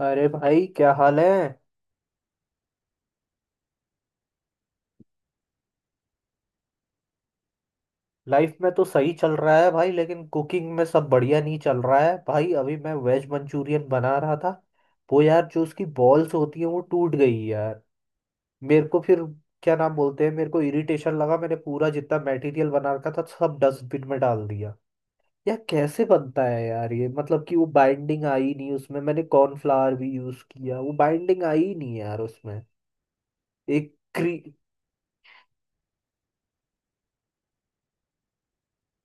अरे भाई क्या हाल है? लाइफ में तो सही चल रहा है भाई, लेकिन कुकिंग में सब बढ़िया नहीं चल रहा है भाई। अभी मैं वेज मंचूरियन बना रहा था। वो यार जो उसकी बॉल्स होती है वो टूट गई यार। मेरे को फिर क्या नाम बोलते हैं, मेरे को इरिटेशन लगा। मैंने पूरा जितना मटेरियल बना रखा था सब डस्टबिन में डाल दिया। यार कैसे बनता है यार ये, मतलब कि वो बाइंडिंग आई नहीं उसमें। मैंने कॉर्नफ्लावर भी यूज किया, वो बाइंडिंग आई नहीं यार उसमें। एक,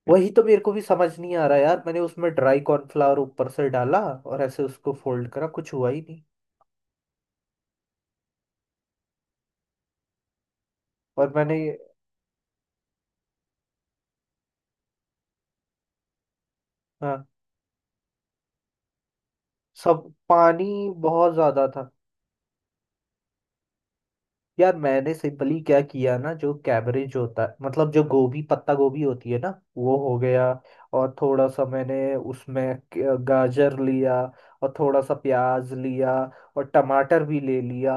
वही तो मेरे को भी समझ नहीं आ रहा यार। मैंने उसमें ड्राई कॉर्नफ्लावर ऊपर से डाला और ऐसे उसको फोल्ड करा, कुछ हुआ ही नहीं। और मैंने, हाँ, सब पानी बहुत ज्यादा था। यार मैंने सिंपली क्या किया ना, जो कैबरेज होता है मतलब जो गोभी, पत्ता गोभी होती है ना, वो हो गया। और थोड़ा सा मैंने उसमें गाजर लिया। और थोड़ा सा प्याज लिया। और टमाटर भी ले लिया।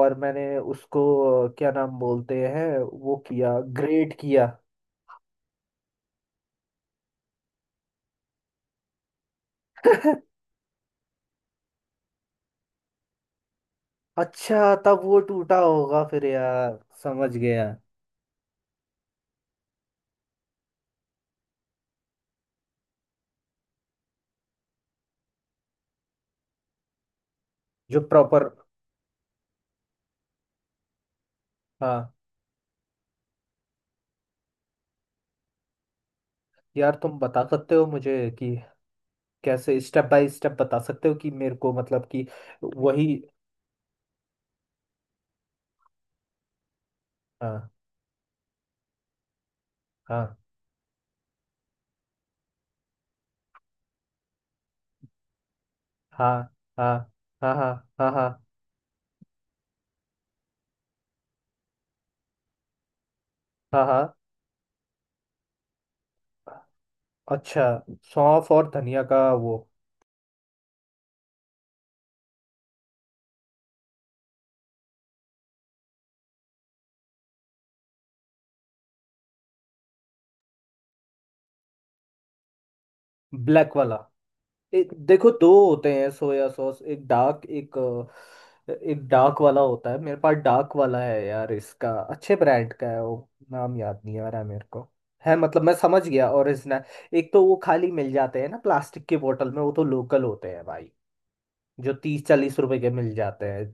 और मैंने उसको क्या नाम बोलते हैं, वो किया, ग्रेट किया। अच्छा, तब वो टूटा होगा फिर यार, समझ गया। जो प्रॉपर। हाँ, यार तुम बता सकते हो मुझे कि कैसे स्टेप बाय स्टेप बता सकते हो कि मेरे को, मतलब कि वही। हाँ, हाँ, हाँ, हाँ, हाँ, हाँ, हाँ, हाँ, हाँ, हाँ। अच्छा, सौंफ और धनिया का वो। ब्लैक वाला। एक, देखो दो होते हैं सोया सॉस, एक डार्क, एक एक डार्क वाला होता है, मेरे पास डार्क वाला है यार। इसका अच्छे ब्रांड का है वो, नाम याद नहीं आ रहा है मेरे को। है, मतलब मैं समझ गया, ओरिजिनल। एक तो वो खाली मिल जाते हैं ना प्लास्टिक की बोतल में, वो तो लोकल होते हैं भाई, जो 30 40 रुपए के मिल जाते हैं।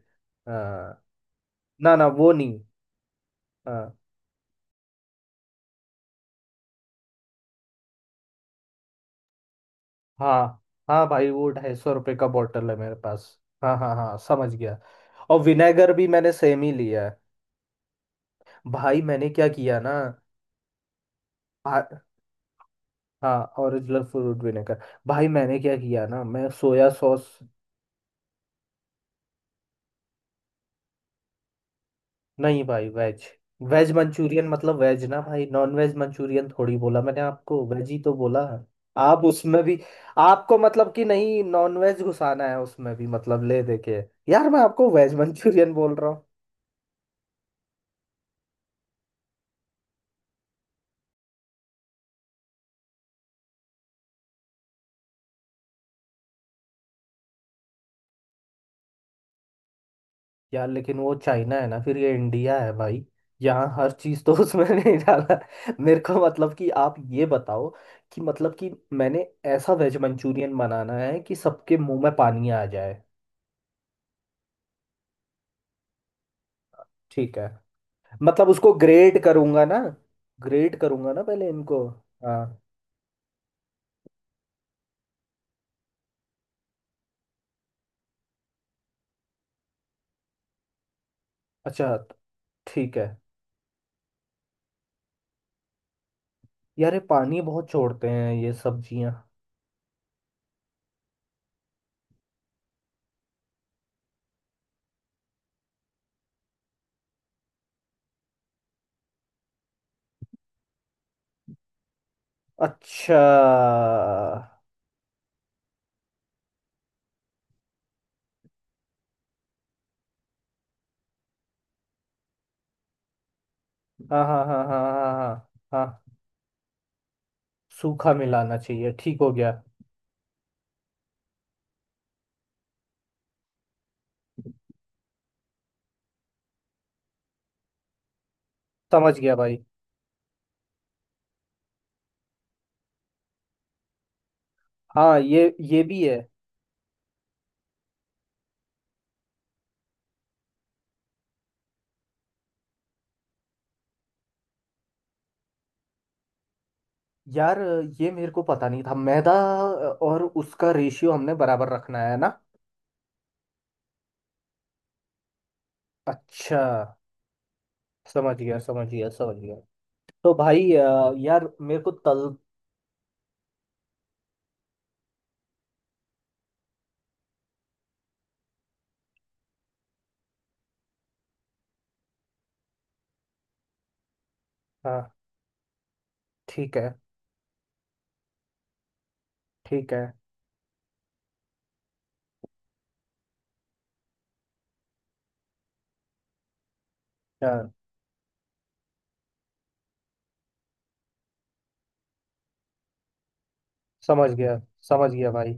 अ, ना ना वो नहीं। अ, हाँ हाँ भाई, वो 250 रुपये का बॉटल है मेरे पास। हाँ, हाँ, हाँ, समझ गया। और विनेगर भी मैंने सेम ही लिया है। भाई मैंने क्या किया ना, भा- हाँ, ओरिजिनल फ्रूट विनेगर। भाई मैंने क्या किया ना, मैं सोया सॉस। नहीं भाई, वेज, वेज मंचूरियन मतलब वेज ना भाई, नॉन वेज मंचूरियन थोड़ी बोला मैंने आपको, वेज ही तो बोला। आप उसमें भी, आपको मतलब कि नहीं, नॉन वेज घुसाना है उसमें भी, मतलब ले देके। यार मैं आपको वेज मंचूरियन बोल रहा हूँ। यार लेकिन वो चाइना है ना, फिर ये इंडिया है भाई। यहाँ हर चीज तो उसमें नहीं डाला है। मेरे को मतलब कि आप ये बताओ कि मतलब कि मैंने ऐसा वेज मंचूरियन बनाना है कि सबके मुंह में पानी आ जाए। ठीक है, मतलब उसको ग्रेट करूंगा ना, ग्रेट करूंगा ना पहले इनको। हाँ, अच्छा, ठीक है। यार ये पानी बहुत छोड़ते हैं ये सब्जियां। अच्छा, हाँ, हाँ, हाँ, हाँ, हाँ, हाँ, हाँ, सूखा मिलाना चाहिए, ठीक हो गया। समझ गया भाई। हाँ, ये भी है। यार ये मेरे को पता नहीं था, मैदा और उसका रेशियो हमने बराबर रखना है ना। अच्छा, समझ गया, समझ गया, समझ गया। तो भाई यार मेरे को तल। हाँ, ठीक है, ठीक है। यार समझ गया, समझ गया भाई।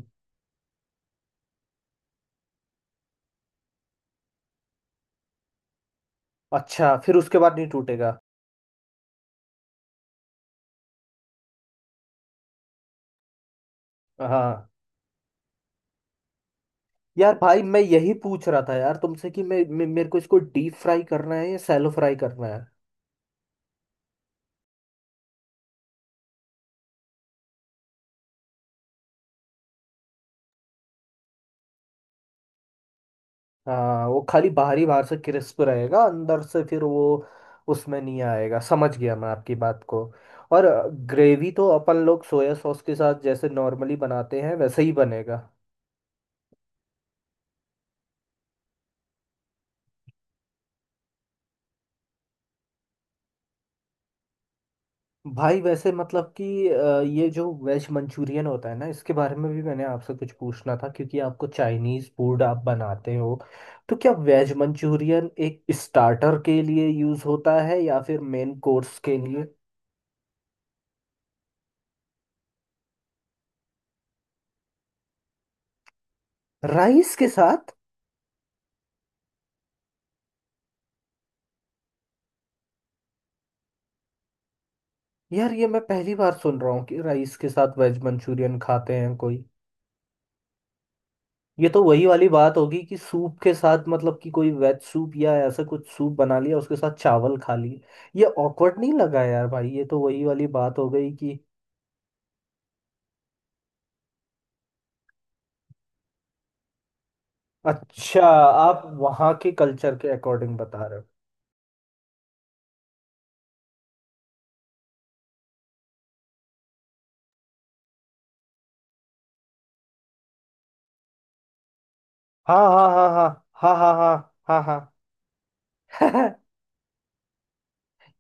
अच्छा, फिर उसके बाद नहीं टूटेगा? हाँ, यार भाई मैं यही पूछ रहा था यार तुमसे कि मैं मेरे को इसको डीप फ्राई करना है या सैलो फ्राई करना है। हाँ, वो खाली बाहरी, बाहर से क्रिस्प रहेगा, अंदर से फिर वो उसमें नहीं आएगा। समझ गया मैं आपकी बात को। और ग्रेवी तो अपन लोग सोया सॉस के साथ जैसे नॉर्मली बनाते हैं वैसे ही बनेगा। भाई वैसे मतलब कि ये जो वेज मंचूरियन होता है ना, इसके बारे में भी मैंने आपसे कुछ पूछना था क्योंकि आपको चाइनीज़ फूड, आप बनाते हो। तो क्या वेज मंचूरियन एक स्टार्टर के लिए यूज़ होता है या फिर मेन कोर्स के लिए? राइस के साथ? यार ये मैं पहली बार सुन रहा हूँ कि राइस के साथ वेज मंचूरियन खाते हैं कोई। ये तो वही वाली बात होगी कि सूप के साथ, मतलब कि कोई वेज सूप या ऐसा कुछ सूप बना लिया, उसके साथ चावल खा लिए। ये ऑकवर्ड नहीं लगा यार भाई, ये तो वही वाली बात हो गई कि। अच्छा, आप वहाँ के कल्चर के अकॉर्डिंग बता रहे हो। हाँ, हाँ, हाँ, हाँ, हाँ, हाँ, हाँ, हाँ, हाँ।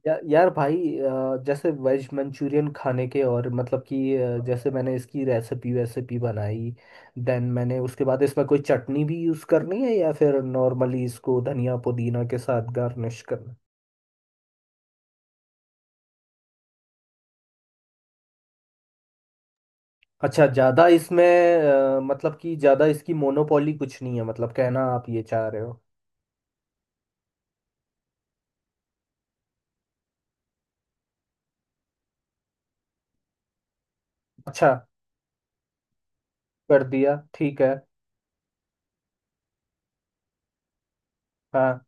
यार भाई जैसे वेज मंचूरियन खाने के, और मतलब कि जैसे मैंने इसकी रेसिपी वेसिपी बनाई। देन मैंने उसके बाद इसमें कोई चटनी भी यूज़ करनी है या फिर नॉर्मली इसको धनिया पुदीना के साथ गार्निश करना? अच्छा, ज़्यादा इसमें मतलब कि ज़्यादा इसकी मोनोपोली कुछ नहीं है, मतलब कहना आप ये चाह रहे हो? अच्छा, कर दिया, ठीक है। हाँ।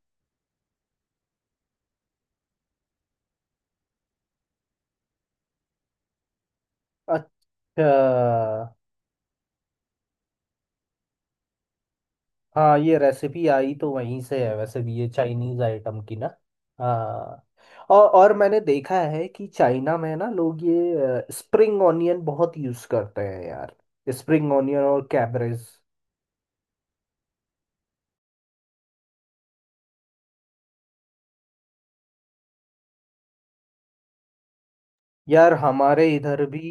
अच्छा। हाँ, ये रेसिपी आई तो वहीं से है, वैसे भी ये चाइनीज आइटम की ना। हाँ, और मैंने देखा है कि चाइना में ना लोग ये स्प्रिंग ऑनियन बहुत यूज करते हैं यार, स्प्रिंग ऑनियन और कैबरेज। यार हमारे इधर भी।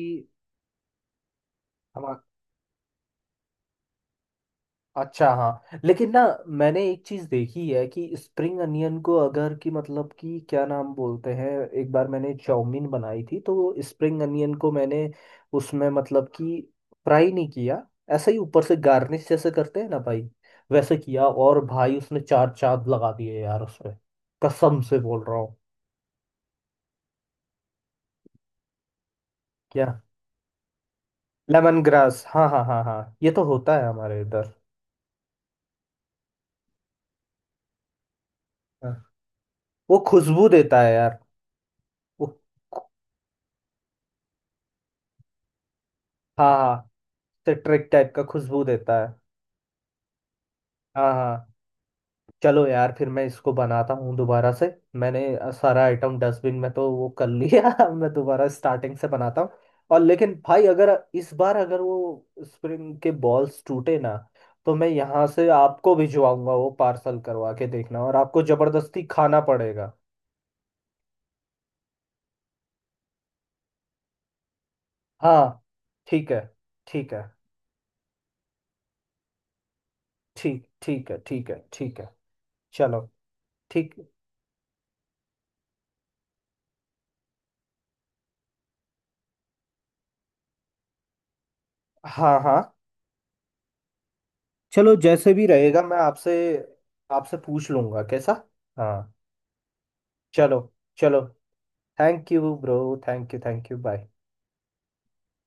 अच्छा, हाँ, लेकिन ना मैंने एक चीज देखी है कि स्प्रिंग अनियन को, अगर कि मतलब कि क्या नाम बोलते हैं, एक बार मैंने चाउमीन बनाई थी तो स्प्रिंग अनियन को मैंने उसमें, मतलब कि, फ्राई नहीं किया, ऐसे ही ऊपर से गार्निश जैसे करते हैं ना भाई, वैसे किया। और भाई उसने चार चांद लगा दिए यार उस पे, कसम से बोल रहा हूँ। क्या? लेमन ग्रास, हाँ, हाँ, हाँ, हाँ, ये तो होता है हमारे इधर। हाँ। वो खुशबू देता है यार। वो, हाँ, हाँ। सिट्रिक टाइप का खुशबू देता है। हाँ, हाँ। चलो यार फिर मैं इसको बनाता हूँ दोबारा से। मैंने सारा आइटम डस्टबिन में तो वो कर लिया। अब मैं दोबारा स्टार्टिंग से बनाता हूँ। और लेकिन भाई अगर इस बार अगर वो स्प्रिंग के बॉल्स टूटे ना, तो मैं यहाँ से आपको भिजवाऊंगा, वो पार्सल करवा के, देखना, और आपको जबरदस्ती खाना पड़ेगा। हाँ, ठीक है, ठीक है। ठीक, ठीक है, ठीक है, ठीक है। चलो। ठीक। हाँ, हाँ। चलो, जैसे भी रहेगा मैं आपसे आपसे पूछ लूंगा कैसा। हाँ। चलो, चलो। Thank you bro. Thank you, thank you, bye.